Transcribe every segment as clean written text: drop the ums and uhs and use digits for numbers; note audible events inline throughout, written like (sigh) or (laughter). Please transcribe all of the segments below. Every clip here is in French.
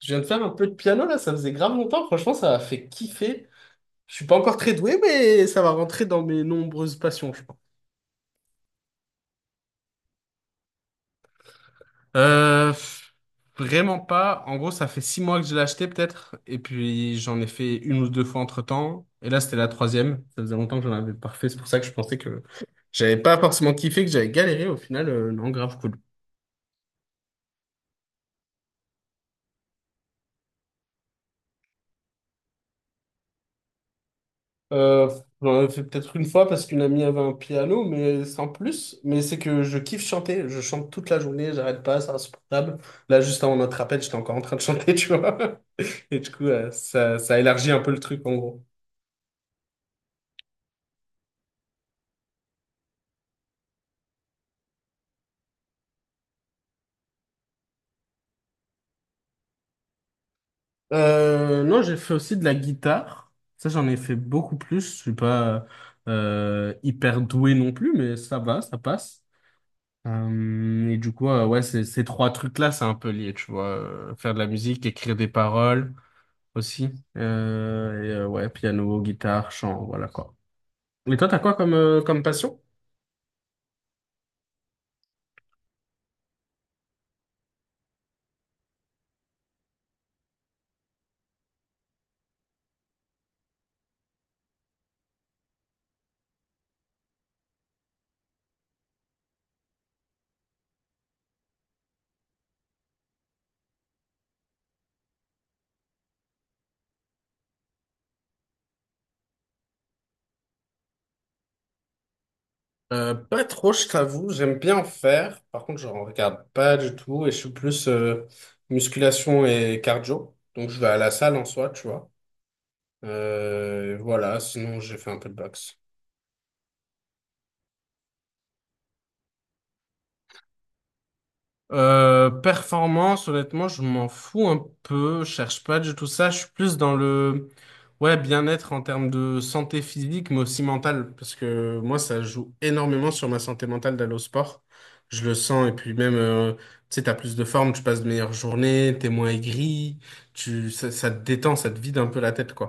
Je viens de faire un peu de piano là, ça faisait grave longtemps. Franchement, ça m'a fait kiffer. Je suis pas encore très doué, mais ça va rentrer dans mes nombreuses passions, je pense. Euh, pff, Vraiment pas. En gros, ça fait 6 mois que je l'ai acheté peut-être, et puis j'en ai fait 1 ou 2 fois entre-temps. Et là, c'était la troisième. Ça faisait longtemps que j'en avais pas refait. C'est pour ça que je pensais que j'avais pas forcément kiffé, que j'avais galéré. Au final, non, grave cool. Euh, J'en avais fait peut-être une fois parce qu'une amie avait un piano, mais sans plus. Mais c'est que je kiffe chanter. Je chante toute la journée, j'arrête pas, c'est insupportable. Là, juste avant notre appel, j'étais encore en train de chanter, (laughs) tu vois. Et du coup, ça élargit un peu le truc, en gros. Non, j'ai fait aussi de la guitare. Ça, j'en ai fait beaucoup plus. Je suis pas hyper doué non plus, mais ça va, ça passe. Et du coup, ouais, ces trois trucs-là, c'est un peu lié, tu vois. Faire de la musique, écrire des paroles aussi. Et, ouais, piano, guitare, chant, voilà quoi. Et toi, t'as quoi comme passion? Pas trop, je t'avoue. J'aime bien en faire. Par contre, je ne regarde pas du tout et je suis plus musculation et cardio. Donc, je vais à la salle en soi, tu vois. Voilà, sinon j'ai fait un peu de boxe. Performance, honnêtement, je m'en fous un peu, je cherche pas du tout ça, je suis plus dans le ouais, bien-être en termes de santé physique, mais aussi mentale, parce que moi, ça joue énormément sur ma santé mentale d'aller au sport. Je le sens, et puis même, tu sais, t'as plus de forme, tu passes de meilleures journées, t'es moins aigri, ça te détend, ça te vide un peu la tête, quoi.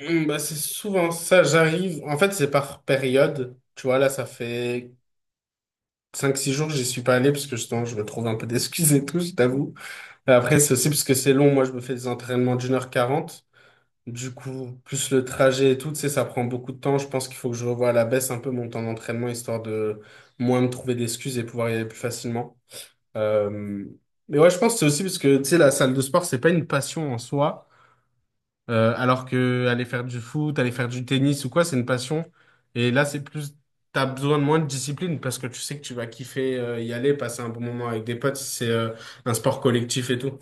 Bah, c'est souvent ça, j'arrive. En fait, c'est par période. Tu vois, là, ça fait 5, 6 jours, j'y suis pas allé parce que justement, je me trouve un peu d'excuses et tout, je t'avoue. Et après, c'est aussi parce que c'est long. Moi, je me fais des entraînements d'1h40. Du coup, plus le trajet et tout, tu sais, ça prend beaucoup de temps. Je pense qu'il faut que je revoie à la baisse un peu mon temps d'entraînement histoire de moins me trouver d'excuses et pouvoir y aller plus facilement. Euh, Mais ouais, je pense que c'est aussi parce que, tu sais, la salle de sport, c'est pas une passion en soi. Alors que aller faire du foot, aller faire du tennis ou quoi, c'est une passion. Et là, c'est plus, t'as besoin de moins de discipline parce que tu sais que tu vas kiffer y aller, passer un bon moment avec des potes si c'est un sport collectif et tout.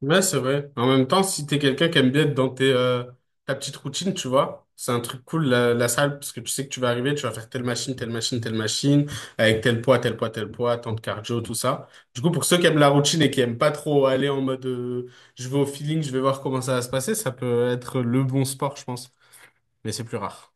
Ouais, c'est vrai. En même temps, si t'es quelqu'un qui aime bien être dans ta petite routine, tu vois, c'est un truc cool, la salle, parce que tu sais que tu vas arriver, tu vas faire telle machine, telle machine, telle machine, avec tel poids, tel poids, tel poids, tant de cardio, tout ça. Du coup, pour ceux qui aiment la routine et qui aiment pas trop aller en mode, je vais au feeling, je vais voir comment ça va se passer, ça peut être le bon sport, je pense. Mais c'est plus rare.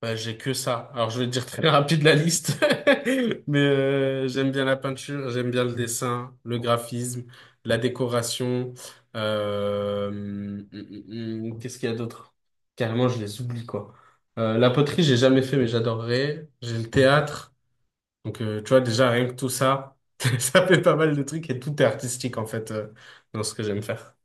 Bah, j'ai que ça. Alors, je vais te dire très (laughs) rapide la liste, (laughs) mais j'aime bien la peinture, j'aime bien le dessin, le graphisme, la décoration. Qu'est-ce qu'il y a d'autre? Carrément, je les oublie, quoi. La poterie, j'ai jamais fait, mais j'adorerais. J'ai le théâtre. Donc, tu vois, déjà, rien que tout ça, (laughs) ça fait pas mal de trucs et tout est artistique, en fait, dans ce que j'aime faire.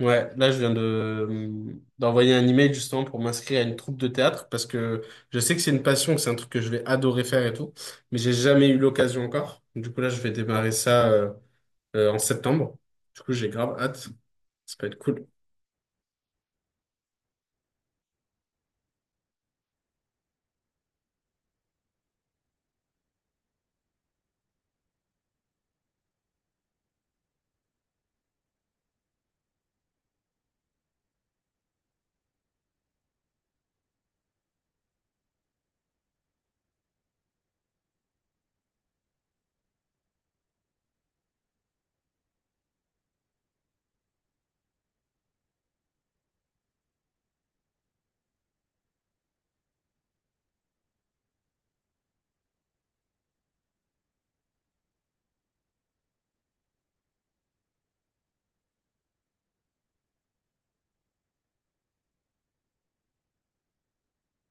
Ouais, là je viens de d'envoyer un email justement pour m'inscrire à une troupe de théâtre parce que je sais que c'est une passion, que c'est un truc que je vais adorer faire et tout, mais j'ai jamais eu l'occasion encore. Du coup là je vais démarrer ça en septembre. Du coup j'ai grave hâte, ça peut être cool.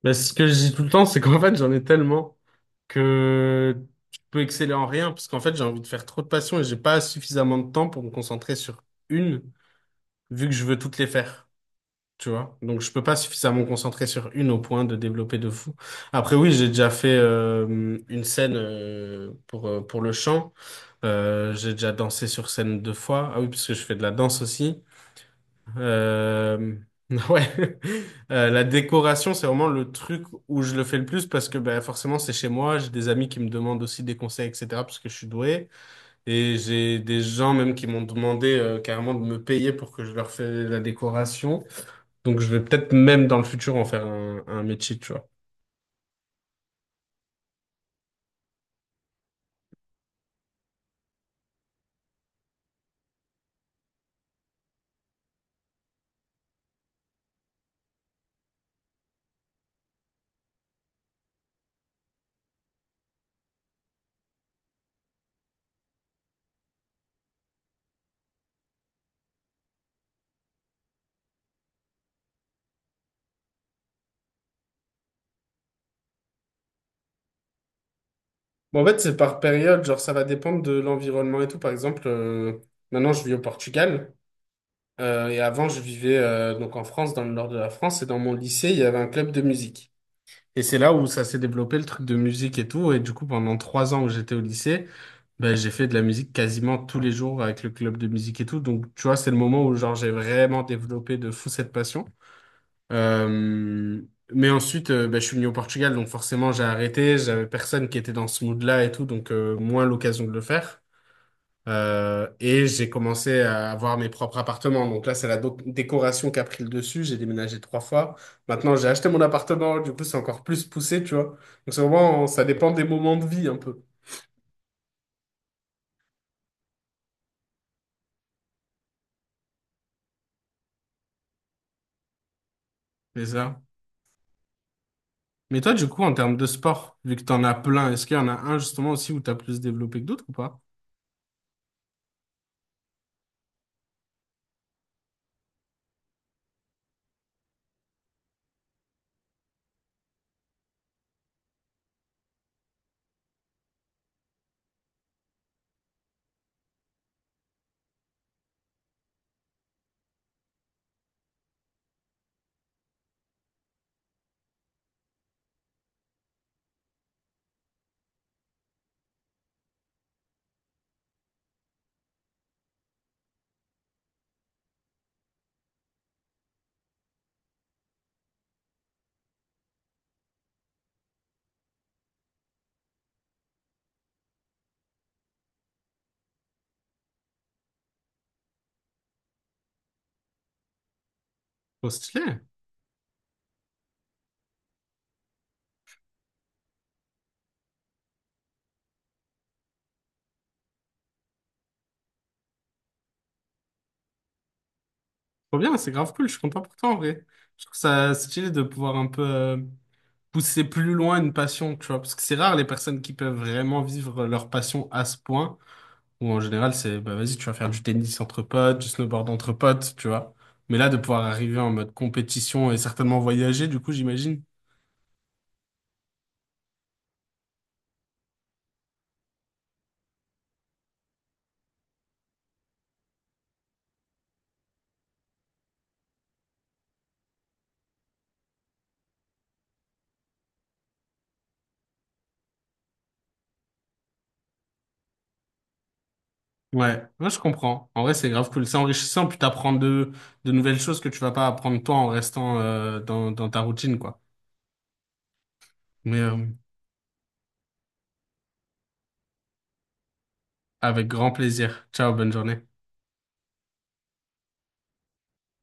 Mais ce que je dis tout le temps, c'est qu'en fait j'en ai tellement que je peux exceller en rien parce qu'en fait j'ai envie de faire trop de passions et j'ai pas suffisamment de temps pour me concentrer sur une vu que je veux toutes les faire. Tu vois? Donc, je peux pas suffisamment me concentrer sur une au point de développer de fou. Après, oui, j'ai déjà fait une scène pour le chant. J'ai déjà dansé sur scène 2 fois. Ah oui, parce que je fais de la danse aussi. Euh, (laughs) ouais. La décoration, c'est vraiment le truc où je le fais le plus parce que ben, forcément, c'est chez moi. J'ai des amis qui me demandent aussi des conseils, etc. parce que je suis doué. Et j'ai des gens même qui m'ont demandé carrément de me payer pour que je leur fasse la décoration. Donc je vais peut-être même dans le futur en faire un métier, tu vois. Bon, en fait, c'est par période, genre ça va dépendre de l'environnement et tout. Par exemple, maintenant je vis au Portugal et avant je vivais donc en France, dans le nord de la France et dans mon lycée il y avait un club de musique. Et c'est là où ça s'est développé le truc de musique et tout. Et du coup, pendant 3 ans où j'étais au lycée, ben, j'ai fait de la musique quasiment tous les jours avec le club de musique et tout. Donc tu vois, c'est le moment où genre j'ai vraiment développé de fou cette passion. Euh, mais ensuite, bah, je suis venu au Portugal, donc forcément j'ai arrêté. J'avais personne qui était dans ce mood-là et tout, donc moins l'occasion de le faire. Et j'ai commencé à avoir mes propres appartements. Donc là, c'est la décoration qui a pris le dessus. J'ai déménagé 3 fois. Maintenant, j'ai acheté mon appartement. Du coup, c'est encore plus poussé, tu vois. Donc c'est vraiment, ça dépend des moments de vie un peu. C'est ça. Mais toi, du coup, en termes de sport, vu que t'en as plein, est-ce qu'il y en a un justement aussi où t'as plus développé que d'autres ou pas? Trop stylé. Trop bien, c'est grave cool, je suis content pour toi en vrai. Je trouve ça stylé de pouvoir un peu pousser plus loin une passion, tu vois, parce que c'est rare les personnes qui peuvent vraiment vivre leur passion à ce point, où en général c'est, bah vas-y, tu vas faire du tennis entre potes, du snowboard entre potes, tu vois. Mais là, de pouvoir arriver en mode compétition et certainement voyager, du coup, j'imagine. Ouais, moi je comprends. En vrai, c'est grave cool, c'est enrichissant, puis t'apprends de nouvelles choses que tu vas pas apprendre toi en restant dans ta routine, quoi. Mais avec grand plaisir. Ciao, bonne journée.